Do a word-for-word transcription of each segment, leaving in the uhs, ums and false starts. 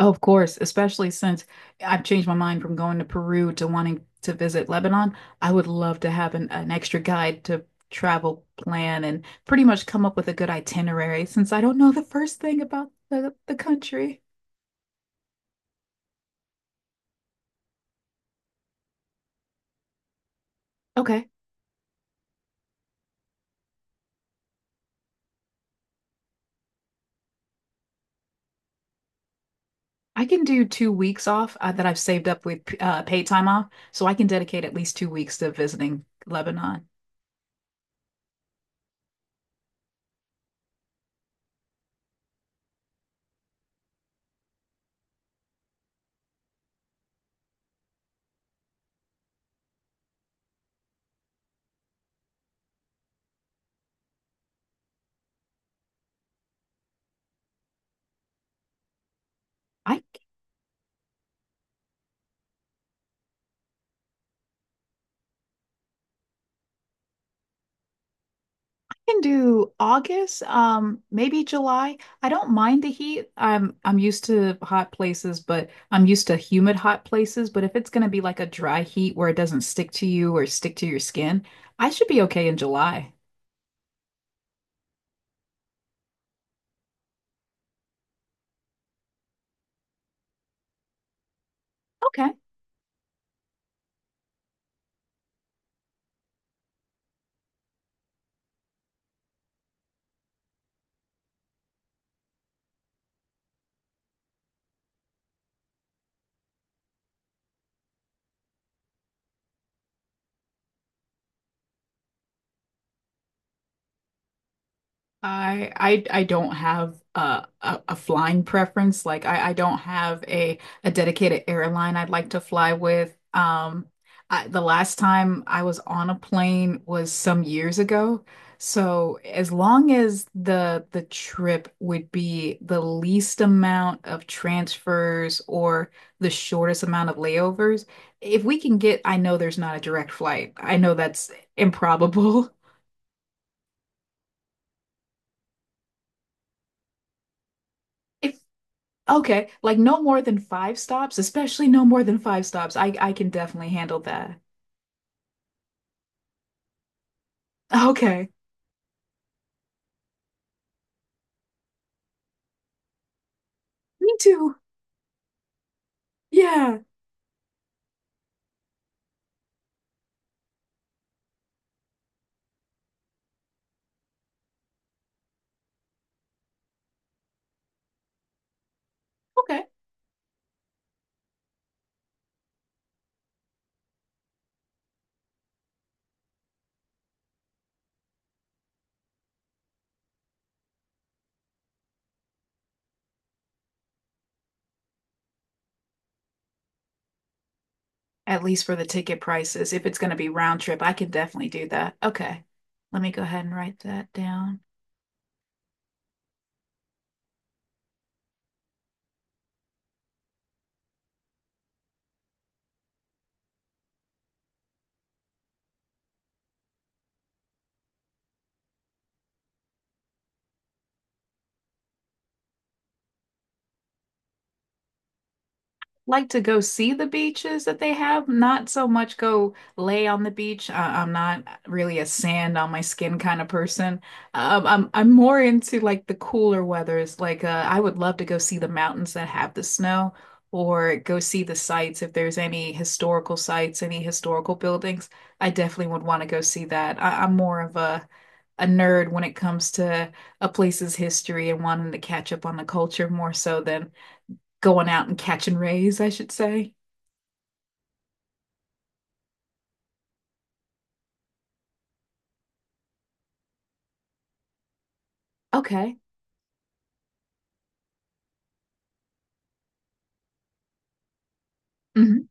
Oh, of course, especially since I've changed my mind from going to Peru to wanting to visit Lebanon. I would love to have an, an extra guide to travel plan and pretty much come up with a good itinerary since I don't know the first thing about the, the country. Okay, I can do two weeks off uh, that I've saved up with uh, paid time off, so I can dedicate at least two weeks to visiting Lebanon. I can do August, um, maybe July. I don't mind the heat. I'm I'm used to hot places, but I'm used to humid hot places. But if it's gonna be like a dry heat where it doesn't stick to you or stick to your skin, I should be okay in July. Okay. I I I don't have a, a a flying preference. Like I I don't have a a dedicated airline I'd like to fly with. Um, I, the last time I was on a plane was some years ago. So as long as the the trip would be the least amount of transfers or the shortest amount of layovers, if we can get, I know there's not a direct flight. I know that's improbable. Okay, like no more than five stops, especially no more than five stops. I I can definitely handle that. Okay. Me too. Yeah. Okay. At least for the ticket prices, if it's going to be round trip, I can definitely do that. Okay. Let me go ahead and write that down. Like to go see the beaches that they have, not so much go lay on the beach. I I'm not really a sand on my skin kind of person. Um, I'm I'm more into like the cooler weathers. Like uh, I would love to go see the mountains that have the snow, or go see the sites if there's any historical sites, any historical buildings. I definitely would want to go see that. I, I'm more of a a nerd when it comes to a place's history and wanting to catch up on the culture more so than going out and catching rays, I should say. Okay. Hmm.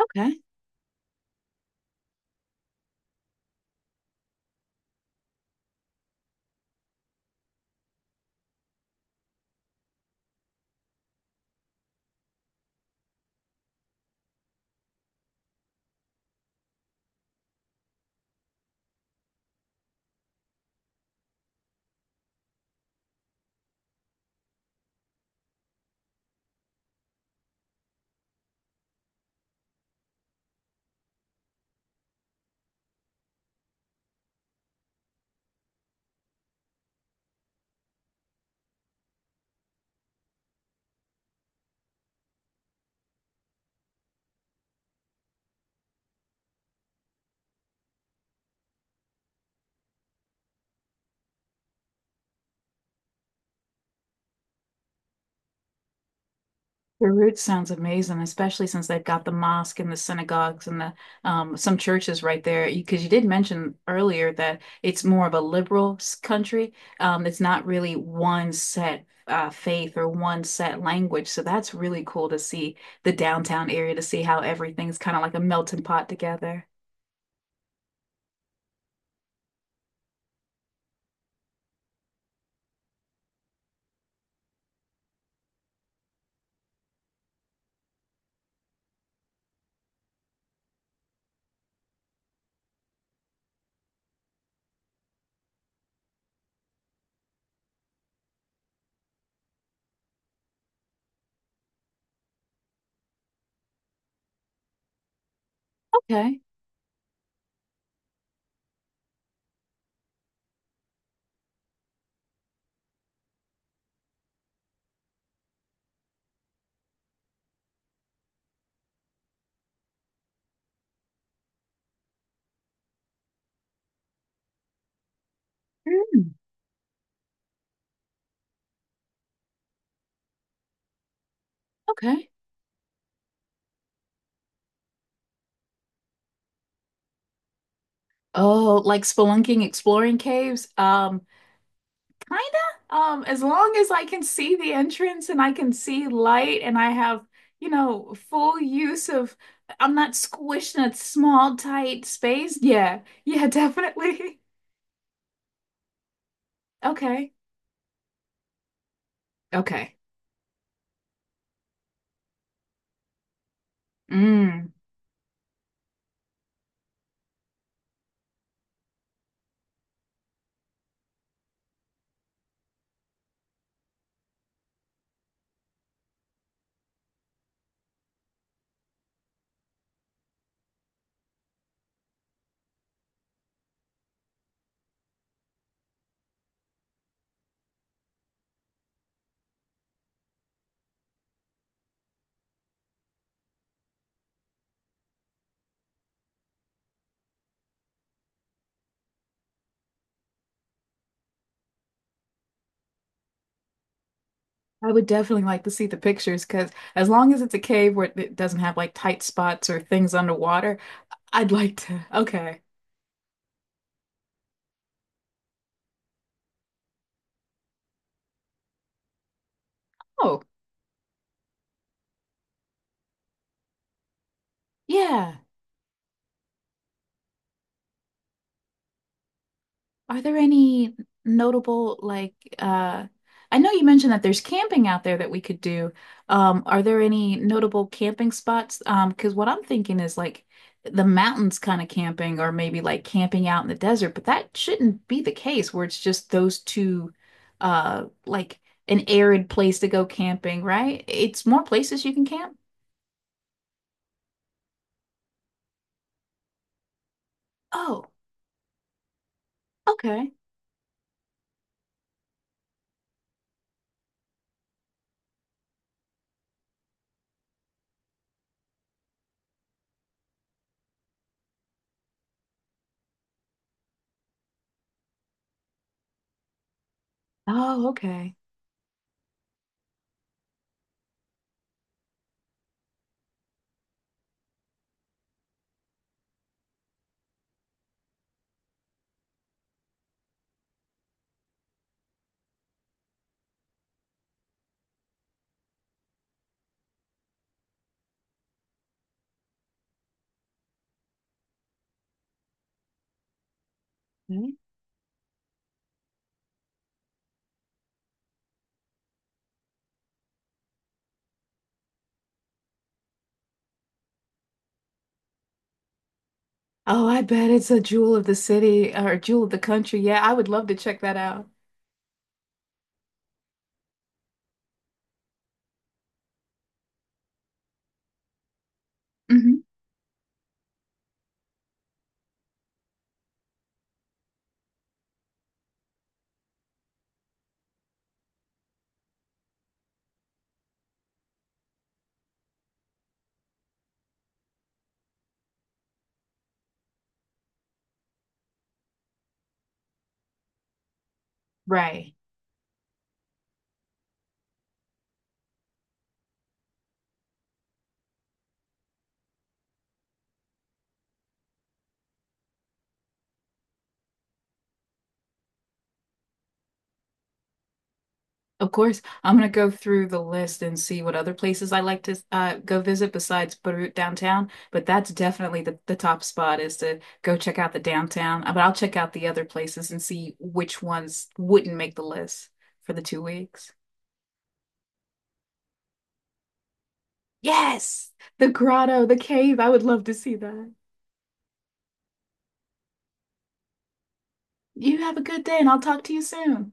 Okay. Beirut sounds amazing, especially since they've got the mosque and the synagogues and the um, some churches right there. Because you did mention earlier that it's more of a liberal s- country. Um, it's not really one set uh, faith or one set language. So that's really cool to see the downtown area to see how everything's kind of like a melting pot together. Okay. Mm, okay. Oh, like spelunking, exploring caves. Um, Kinda. Um, as long as I can see the entrance and I can see light and I have, you know, full use of, I'm not squished in a small, tight space. Yeah. Yeah, definitely. Okay. Okay. Mm. I would definitely like to see the pictures because as long as it's a cave where it doesn't have like tight spots or things underwater, I'd like to. Okay. Oh, yeah. Are there any notable like uh I know you mentioned that there's camping out there that we could do. Um, are there any notable camping spots? Um, because what I'm thinking is like the mountains kind of camping or maybe like camping out in the desert, but that shouldn't be the case where it's just those two uh like an arid place to go camping, right? It's more places you can camp. Oh, okay. Oh, okay. Oh, I bet it's a jewel of the city or jewel of the country. Yeah, I would love to check that out. Hmm. Right. Of course, I'm gonna go through the list and see what other places I like to uh, go visit besides Beirut downtown. But that's definitely the, the top spot is to go check out the downtown. Uh, But I'll check out the other places and see which ones wouldn't make the list for the two weeks. Yes, the grotto, the cave. I would love to see that. You have a good day, and I'll talk to you soon.